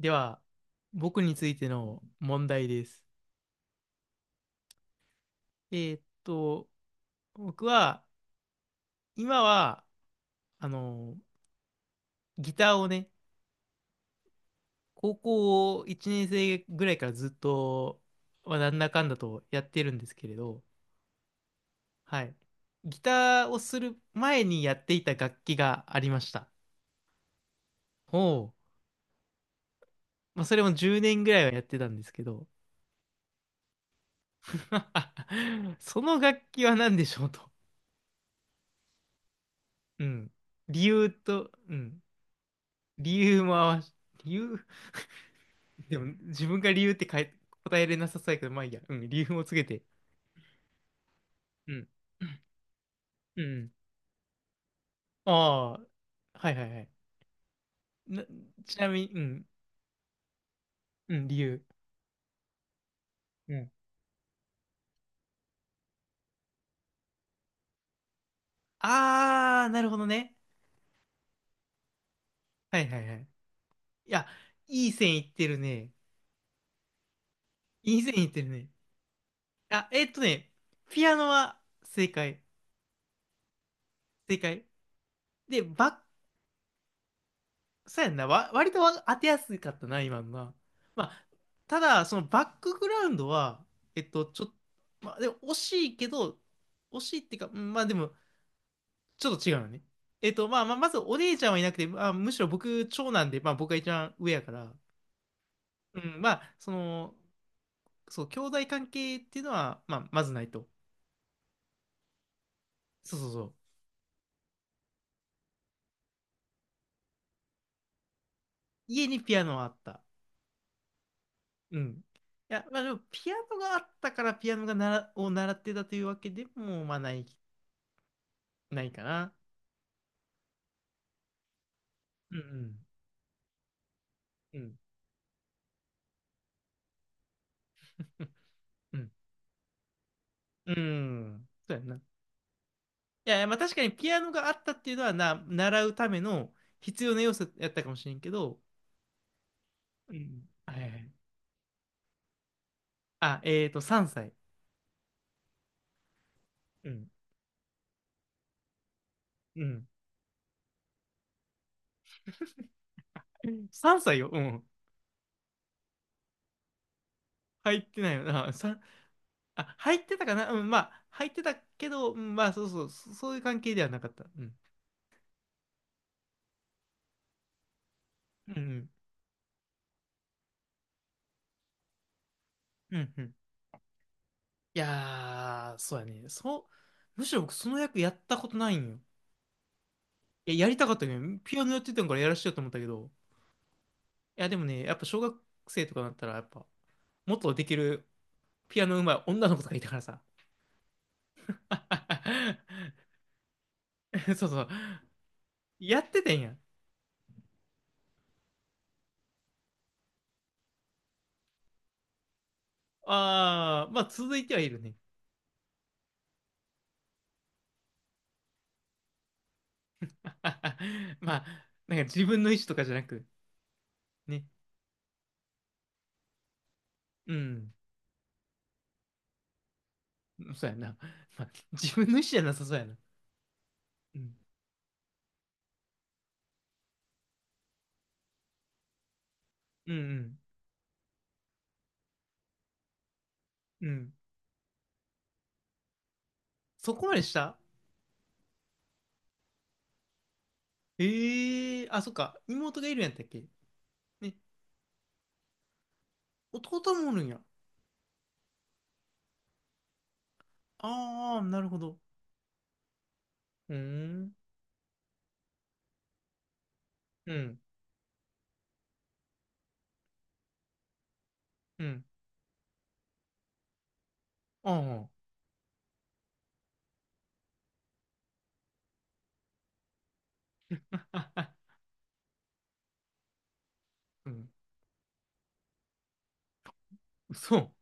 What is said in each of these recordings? では、僕についての問題です。えーっと、僕は、今は、あの、ギターをね、高校1年生ぐらいからずっと、まあなんだかんだとやってるんですけれど、はい。ギターをする前にやっていた楽器がありました。ほう。まあ、それも10年ぐらいはやってたんですけど、その楽器は何でしょうと。うん。理由と、うん。理由も合わし、理由でも、自分が理由ってかえ答えれなさそうやけど、まあいいや。うん、理由を告げて。うん。うん。ああ、はいはいはい。な、ちなみに、うん、うん、理由。うん。ああ、なるほどね。はいはいはい。いや、いい線いってるね。いい線いってるね。あ、ピアノは正解。正解。で、バッそうやんな。割と当てやすかったな、今のな。まあ、ただ、そのバックグラウンドは、ちょっと、まあ、でも惜しいけど、惜しいっていうか、うんまあでも、ちょっと違うのね。まずお姉ちゃんはいなくて、まあ、むしろ僕、長男で、まあ僕が一番上やから、うん、まあ、そう、兄弟関係っていうのは、まあ、まずないと。そうそうそう。家にピアノはあった。うん。いや、まあでも、ピアノがあったから、ピアノがなら、を習ってたというわけでも、ないかな。うんうん。うん。うん。うんそうやんな。いやいや、まあ確かにピアノがあったっていうのはな、習うための必要な要素やったかもしれんけど、うん。はいはい。あ、3歳。うん。うん。3歳よ。うん。入ってないよな。あ、入ってたかなうん、まあ、入ってたけど、うん、まあ、そういう関係ではなかった。うん。うんうん。うんうん。いやー、そうやね。そう、むしろ僕その役やったことないんよ。いや、やりたかったけど、ピアノやってたんからやらしようと思ったけど、いや、でもね、やっぱ小学生とかだったら、やっぱ、もっとできるピアノ上手い女の子とかいたからさ。そうそう。やっててんや。ああ、まあ続いてはいるね。まあ、なんか自分の意思とかじゃなく、ね。うん。そうやな。まあ、自分の意思じゃなさそうやな。うん。うんうん。うん。そこまでしたええー、あ、そっか。妹がいるんやったっけね。弟もおるんや。ああ、なるほど。うーん。うん。うん。ああ。あ、あ、うん、そう。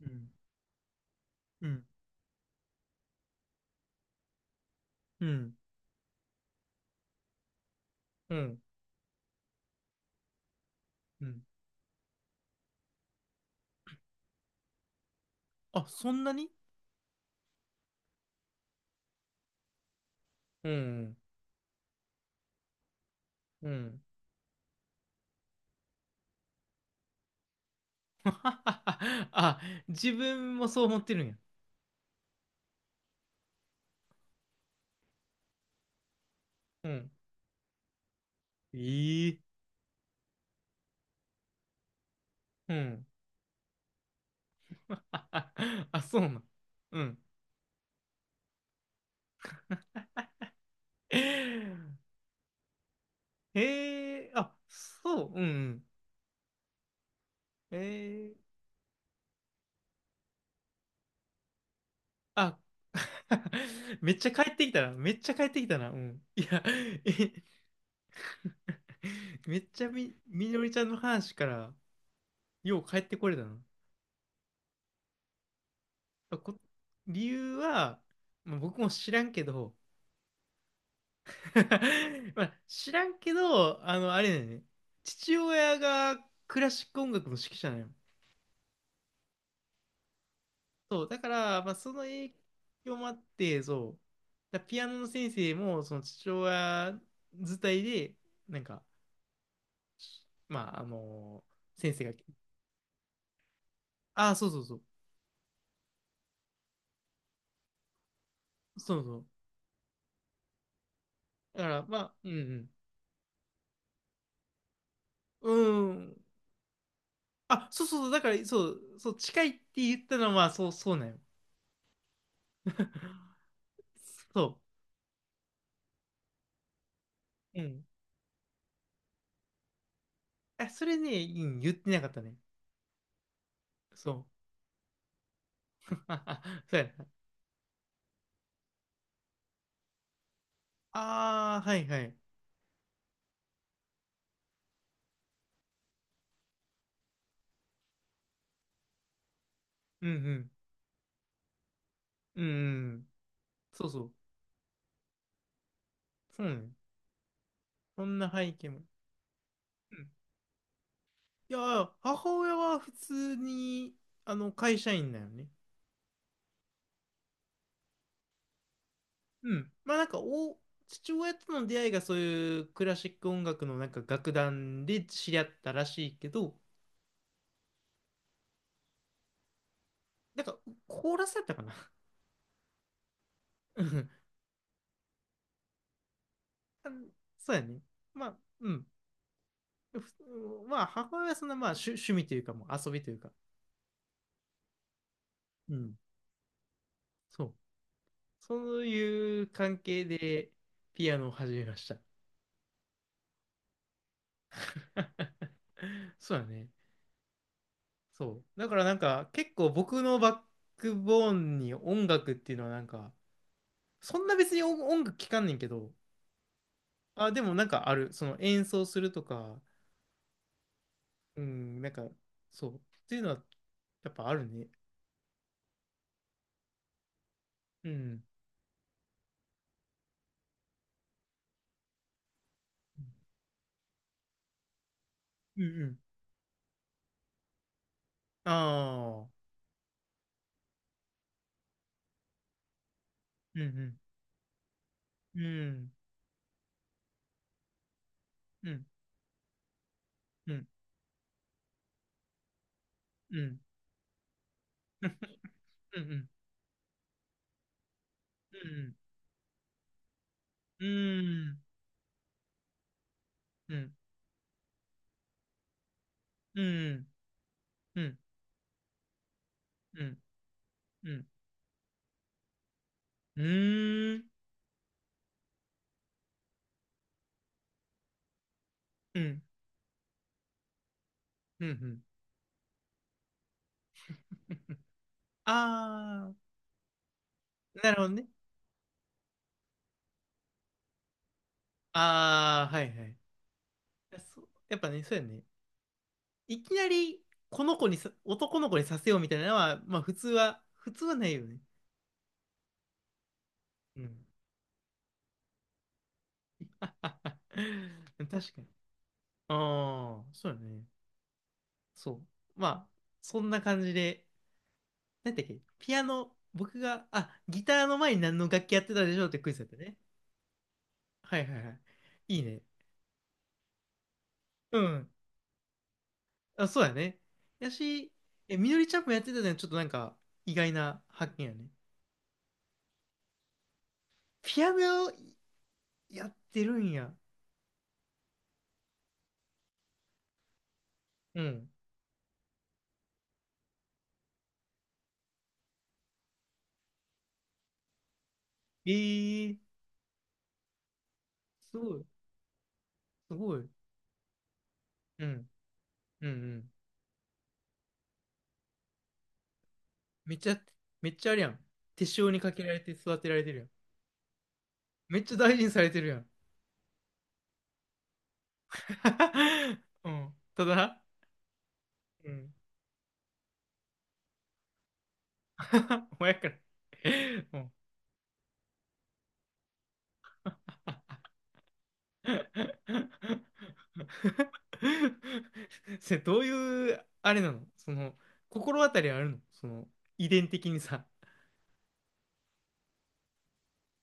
うん、うん、うん、うん、うん。あ、そんなにうん、うん。あ、自分もそう思ってるんや。うん、ええうん。あ、そうなん。うん。へえあ、そう、うん。ええ、あ、めっちゃ帰ってきたな。めっちゃ帰ってきたな。うん。いや、え、めっちゃみ、みのりちゃんの話から、よう帰ってこれたな。こ理由は、まあ、僕も知らんけど、まあ、知らんけど、あれだよね。父親がクラシック音楽の指揮者なの。そう、だから、まあ、その影響もあって、そう、ピアノの先生も、その父親伝いで、なんか、まあ、先生が、ああ、そうそう。だから、まあ、うんうん。うん。あ、だから、そう、近いって言ったのは、そう、そうなんよ。そう。うん。あ、それね、うん、言ってなかったね。そう。そうやああ、はいはい。うんうん。うんうん。そうそう。そうね。そんな背景も。うん。いや、母親は普通に、会社員だよね。うん。まあなんか、父親との出会いがそういうクラシック音楽のなんか楽団で知り合ったらしいけど、なんか、コーラスだったかな。うん。あそうやね。まあ、うん。まあ、母親はそんな、まあ、趣味というか、もう遊びというか、うん、そう。そういう関係でピアノを始めました。そうだね。そう。だからなんか、結構僕のバックボーンに音楽っていうのはなんか、そんな別に音楽聴かんねんけど、あ、でもなんかある。その演奏するとか、うん、なんか、そう。っていうのは、やっぱあるね。うん。うんうん。ああ。うんうん。うん。うん。うん。うん。うん、うん、うん、うん、うん、うん、うん、うん、うん、うん、うん、うん。ああ、なるほどね。ああ、はいはい。そう、やっぱね、そうやね。いきなり、この子にさ、男の子にさせようみたいなのは、普通はないよね。うん。確かに。ああ、そうだね。そう。まあ、そんな感じで、なんだっけ、ピアノ、僕が、あ、ギターの前に何の楽器やってたでしょうってクイズだったね。はいはいはい。いいね。うん。あ、そうやね。やし、え、みのりちゃんもやってたのはちょっとなんか意外な発見やね。ピアノをやってるんや。うん。えー、すごい、すごい。うん、うん、うん。めっちゃ、めっちゃあれやん。手塩にかけられて育てられてるやん。めっちゃ大事にされてるやん。うん。ただ、うん。お前から。うん。それどういう、あれなのその、心当たりあるのその、遺伝的にさ。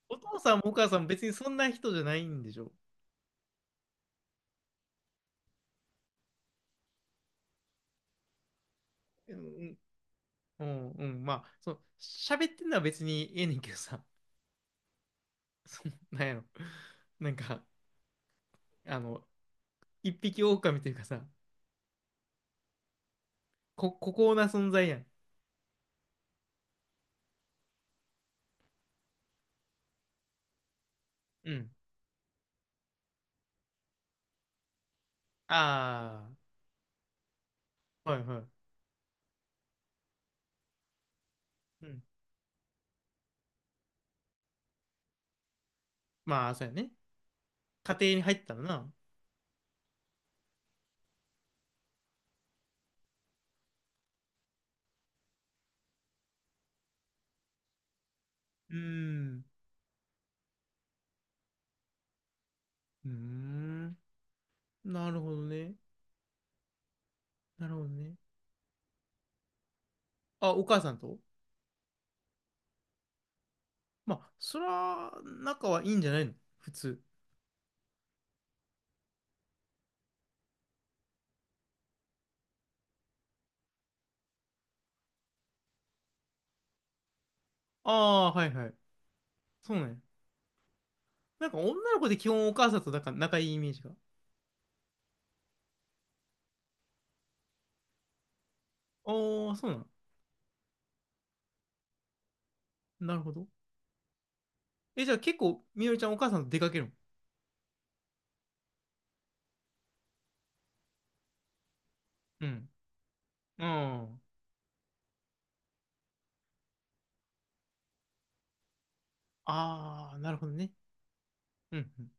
お父さんもお母さんも別にそんな人じゃないんでしょ？うん、うん、うんまあ、そう、喋ってんのは別にええねんけどさ、その、なんやろ。なんか、あの、一匹狼というかさ、孤高な存在やん。うん。ああ、はいはい。うん。まあ、そうやね。家庭に入ったらな。うーん。うーん。なるほどね。なるほどね。あ、お母さんと？まあ、そら、仲はいいんじゃないの？普通。ああー、はいはい。そうなんや。なんか女の子で基本お母さんとなんか仲いいイメージが。ああ、そうなの。なるほど。え、じゃあ結構、みのりちゃんお母さんと出かけるの？うん。あん。ああ、なるほどね。うんうん。